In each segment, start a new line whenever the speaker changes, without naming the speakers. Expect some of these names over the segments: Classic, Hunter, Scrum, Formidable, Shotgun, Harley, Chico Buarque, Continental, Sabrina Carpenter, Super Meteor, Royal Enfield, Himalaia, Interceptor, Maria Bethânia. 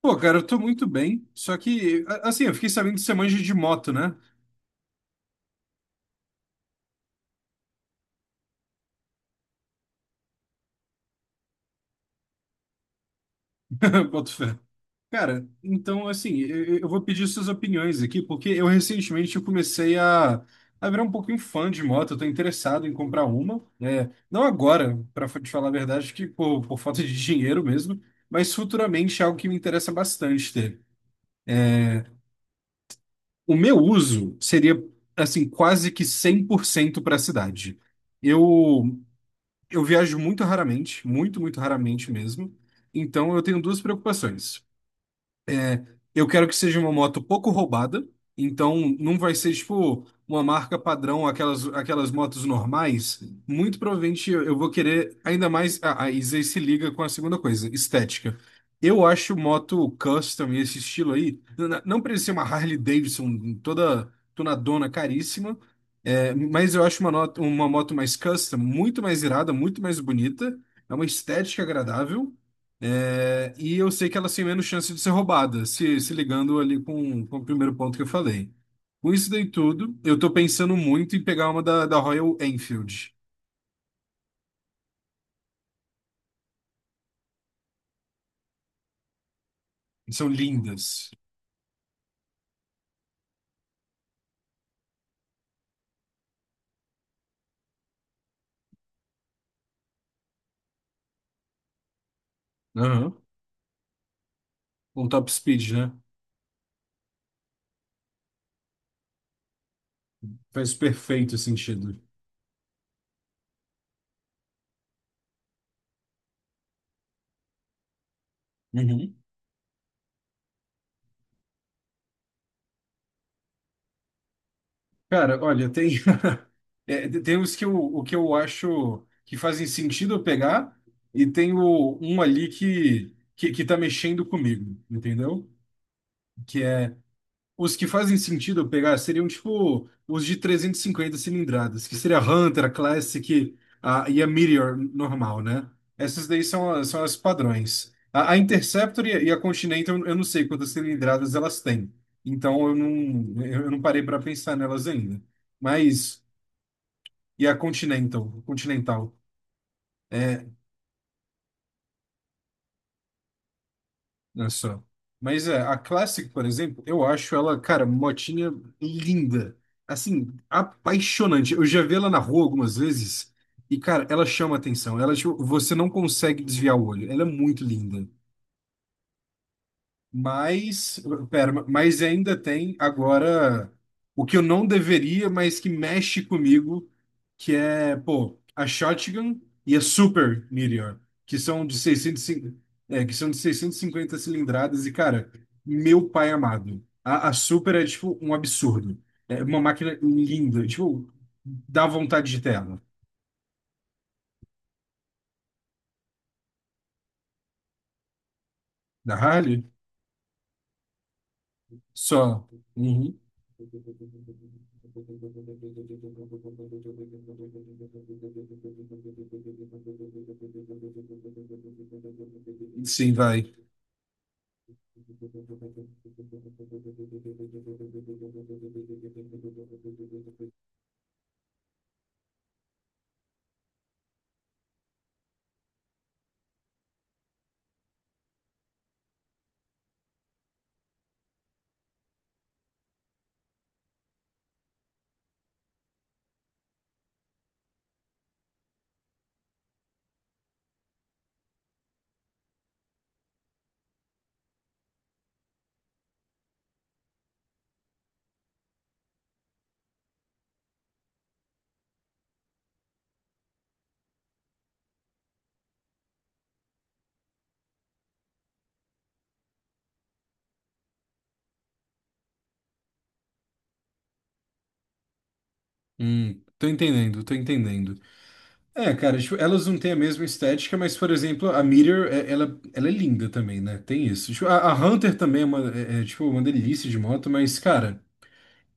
Pô, cara, eu tô muito bem, só que, assim, eu fiquei sabendo que você manja de moto, né? Boto fé. Cara, então, assim, eu vou pedir suas opiniões aqui, porque eu recentemente eu comecei a virar um pouquinho fã de moto, eu tô interessado em comprar uma, né? Não agora, pra te falar a verdade, acho que por falta de dinheiro mesmo, mas futuramente é algo que me interessa bastante ter. O meu uso seria, assim, quase que 100% para a cidade. Eu Eu viajo muito raramente, muito, muito raramente mesmo. Então eu tenho duas preocupações. Eu quero que seja uma moto pouco roubada, então não vai ser tipo uma marca padrão, aquelas motos normais. Muito provavelmente eu vou querer ainda mais. Isso aí se liga com a segunda coisa, estética. Eu acho moto custom e esse estilo aí, não precisa ser uma Harley Davidson toda tunadona caríssima, é, mas eu acho uma, uma moto mais custom muito mais irada, muito mais bonita, é uma estética agradável. É, e eu sei que elas têm menos chance de ser roubadas, se ligando ali com o primeiro ponto que eu falei. Com isso daí tudo, eu tô pensando muito em pegar uma da Royal Enfield. São lindas. Aham. Com top speed, né? Faz perfeito sentido. Uhum. Cara, olha, tem, é, tem os que eu, o que eu acho que fazem sentido eu pegar, e tem o, um ali que tá mexendo comigo, entendeu? Que é... Os que fazem sentido eu pegar seriam tipo os de 350 cilindradas, que seria a Hunter, a Classic, a, e a Meteor normal, né? Essas daí são, são as padrões. A Interceptor e a Continental, eu não sei quantas cilindradas elas têm. Então eu não parei para pensar nelas ainda. Mas, e a Continental, Continental? É, olha só. Mas é, a Classic, por exemplo, eu acho ela, cara, motinha linda. Assim, apaixonante. Eu já vi ela na rua algumas vezes e, cara, ela chama atenção. Ela, tipo, você não consegue desviar o olho. Ela é muito linda. Mas, pera, mas ainda tem agora o que eu não deveria, mas que mexe comigo, que é, pô, a Shotgun e a Super Meteor, que são de 650, é, que são de 650 cilindradas e, cara, meu pai amado, a Super é, tipo, um absurdo. É uma máquina linda, tipo, dá vontade de ter ela. Da Harley? Só. Uhum. Sim, vai. Tô entendendo, tô entendendo. É, cara, tipo, elas não têm a mesma estética, mas, por exemplo, a Meteor, ela, ela é linda também, né? Tem isso. Tipo, a Hunter também é, uma, é, é, tipo, uma delícia de moto, mas, cara,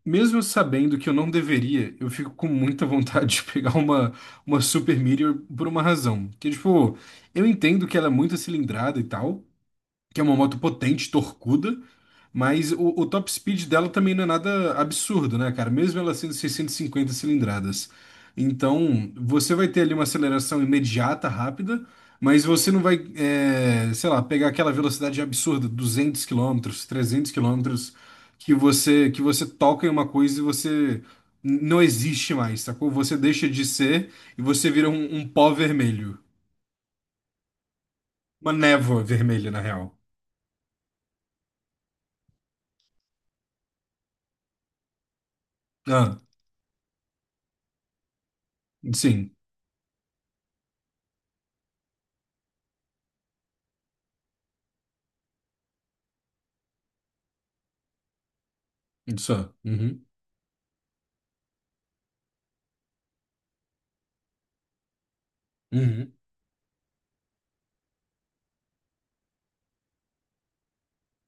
mesmo sabendo que eu não deveria, eu fico com muita vontade de pegar uma Super Meteor por uma razão. Que, tipo, eu entendo que ela é muito cilindrada e tal, que é uma moto potente, torcuda, mas o top speed dela também não é nada absurdo, né, cara? Mesmo ela sendo 650 cilindradas. Então, você vai ter ali uma aceleração imediata, rápida, mas você não vai, é, sei lá, pegar aquela velocidade absurda, 200 quilômetros, 300 quilômetros, que você toca em uma coisa e você não existe mais, sacou? Você deixa de ser e você vira um, um pó vermelho. Uma névoa vermelha, na real. Ah, sim. Só. Uhum. Uhum.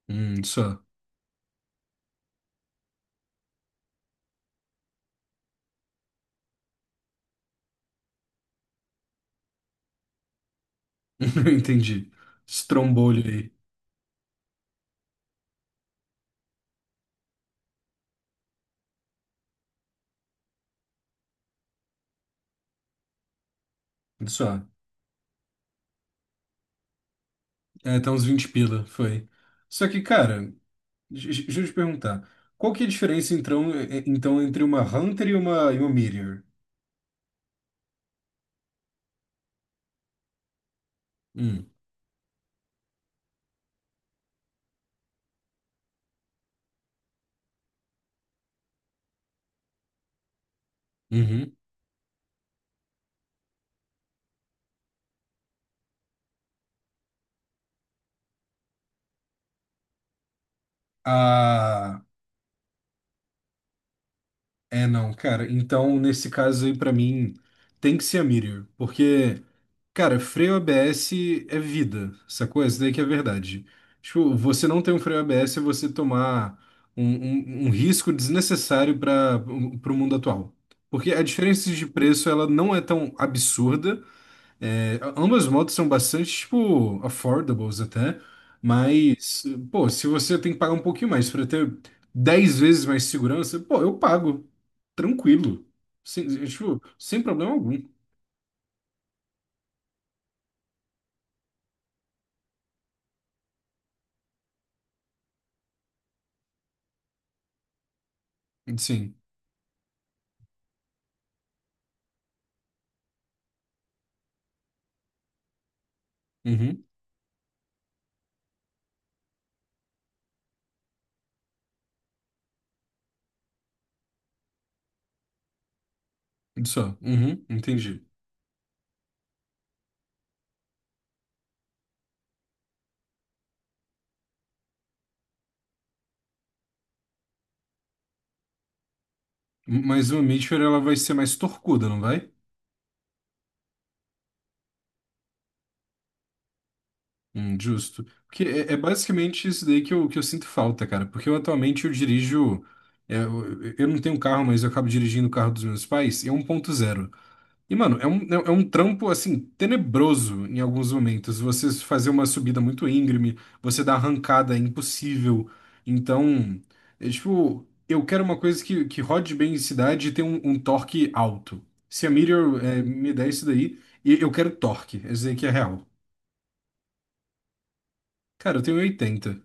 Só. Entendi. Esse trombolho aí. Só. É, tá uns vinte pila, foi. Só que, cara, deixa eu te perguntar. Qual que é a diferença, então, então entre uma Hunter e uma Meteor? Hum. Uhum. Ah, é não, cara. Então, nesse caso aí, pra mim, tem que ser a Meteor. Porque... Cara, freio ABS é vida, sacou? Isso daí que é verdade. Tipo, você não tem um freio ABS é você tomar um, um risco desnecessário para o mundo atual. Porque a diferença de preço, ela não é tão absurda. É, ambas motos são bastante, tipo, affordables até. Mas, pô, se você tem que pagar um pouquinho mais para ter 10 vezes mais segurança, pô, eu pago. Tranquilo. Sem, tipo, sem problema algum. Sim. Uhum. Só. Uhum, entendi. Mas uma Meteor, ela vai ser mais torcuda, não vai? Justo. Porque é, é basicamente isso daí que eu sinto falta, cara. Porque eu atualmente eu dirijo. É, eu não tenho carro, mas eu acabo dirigindo o carro dos meus pais. E é um ponto zero. E, mano, é um, é um trampo, assim, tenebroso em alguns momentos. Você fazer uma subida muito íngreme, você dar arrancada é impossível. Então, é tipo, eu quero uma coisa que rode bem em cidade e tenha um, um torque alto. Se a Meteor é, me der isso daí, eu quero torque. Esse aí que é real. Cara, eu tenho 80.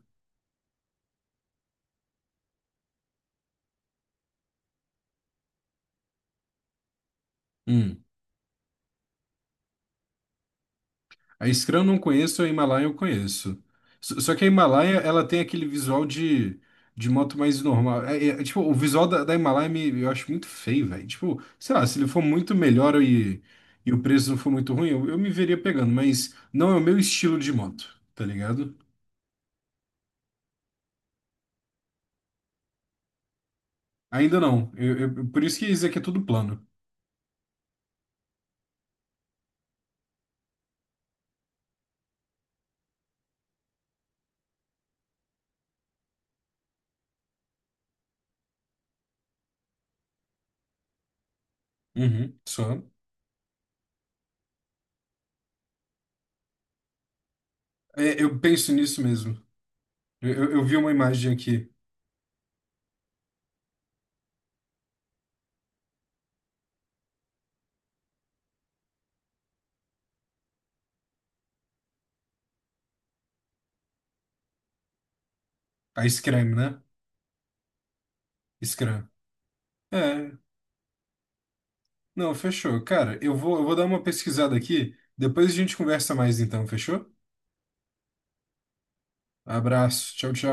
A Scrum eu não conheço, a Himalaia eu conheço. Só que a Himalaia, ela tem aquele visual de moto mais normal. Tipo, o visual da Himalaia me, eu acho muito feio, velho. Tipo, sei lá, se ele for muito melhor e o preço não for muito ruim, eu me veria pegando, mas não é o meu estilo de moto, tá ligado? Ainda não. Por isso que isso aqui é tudo plano. Uhum, só. É, eu penso nisso mesmo. Eu, eu vi uma imagem aqui. A Scrum, né? Scrum. É, não, fechou. Cara, eu vou dar uma pesquisada aqui. Depois a gente conversa mais então, fechou? Abraço. Tchau, tchau.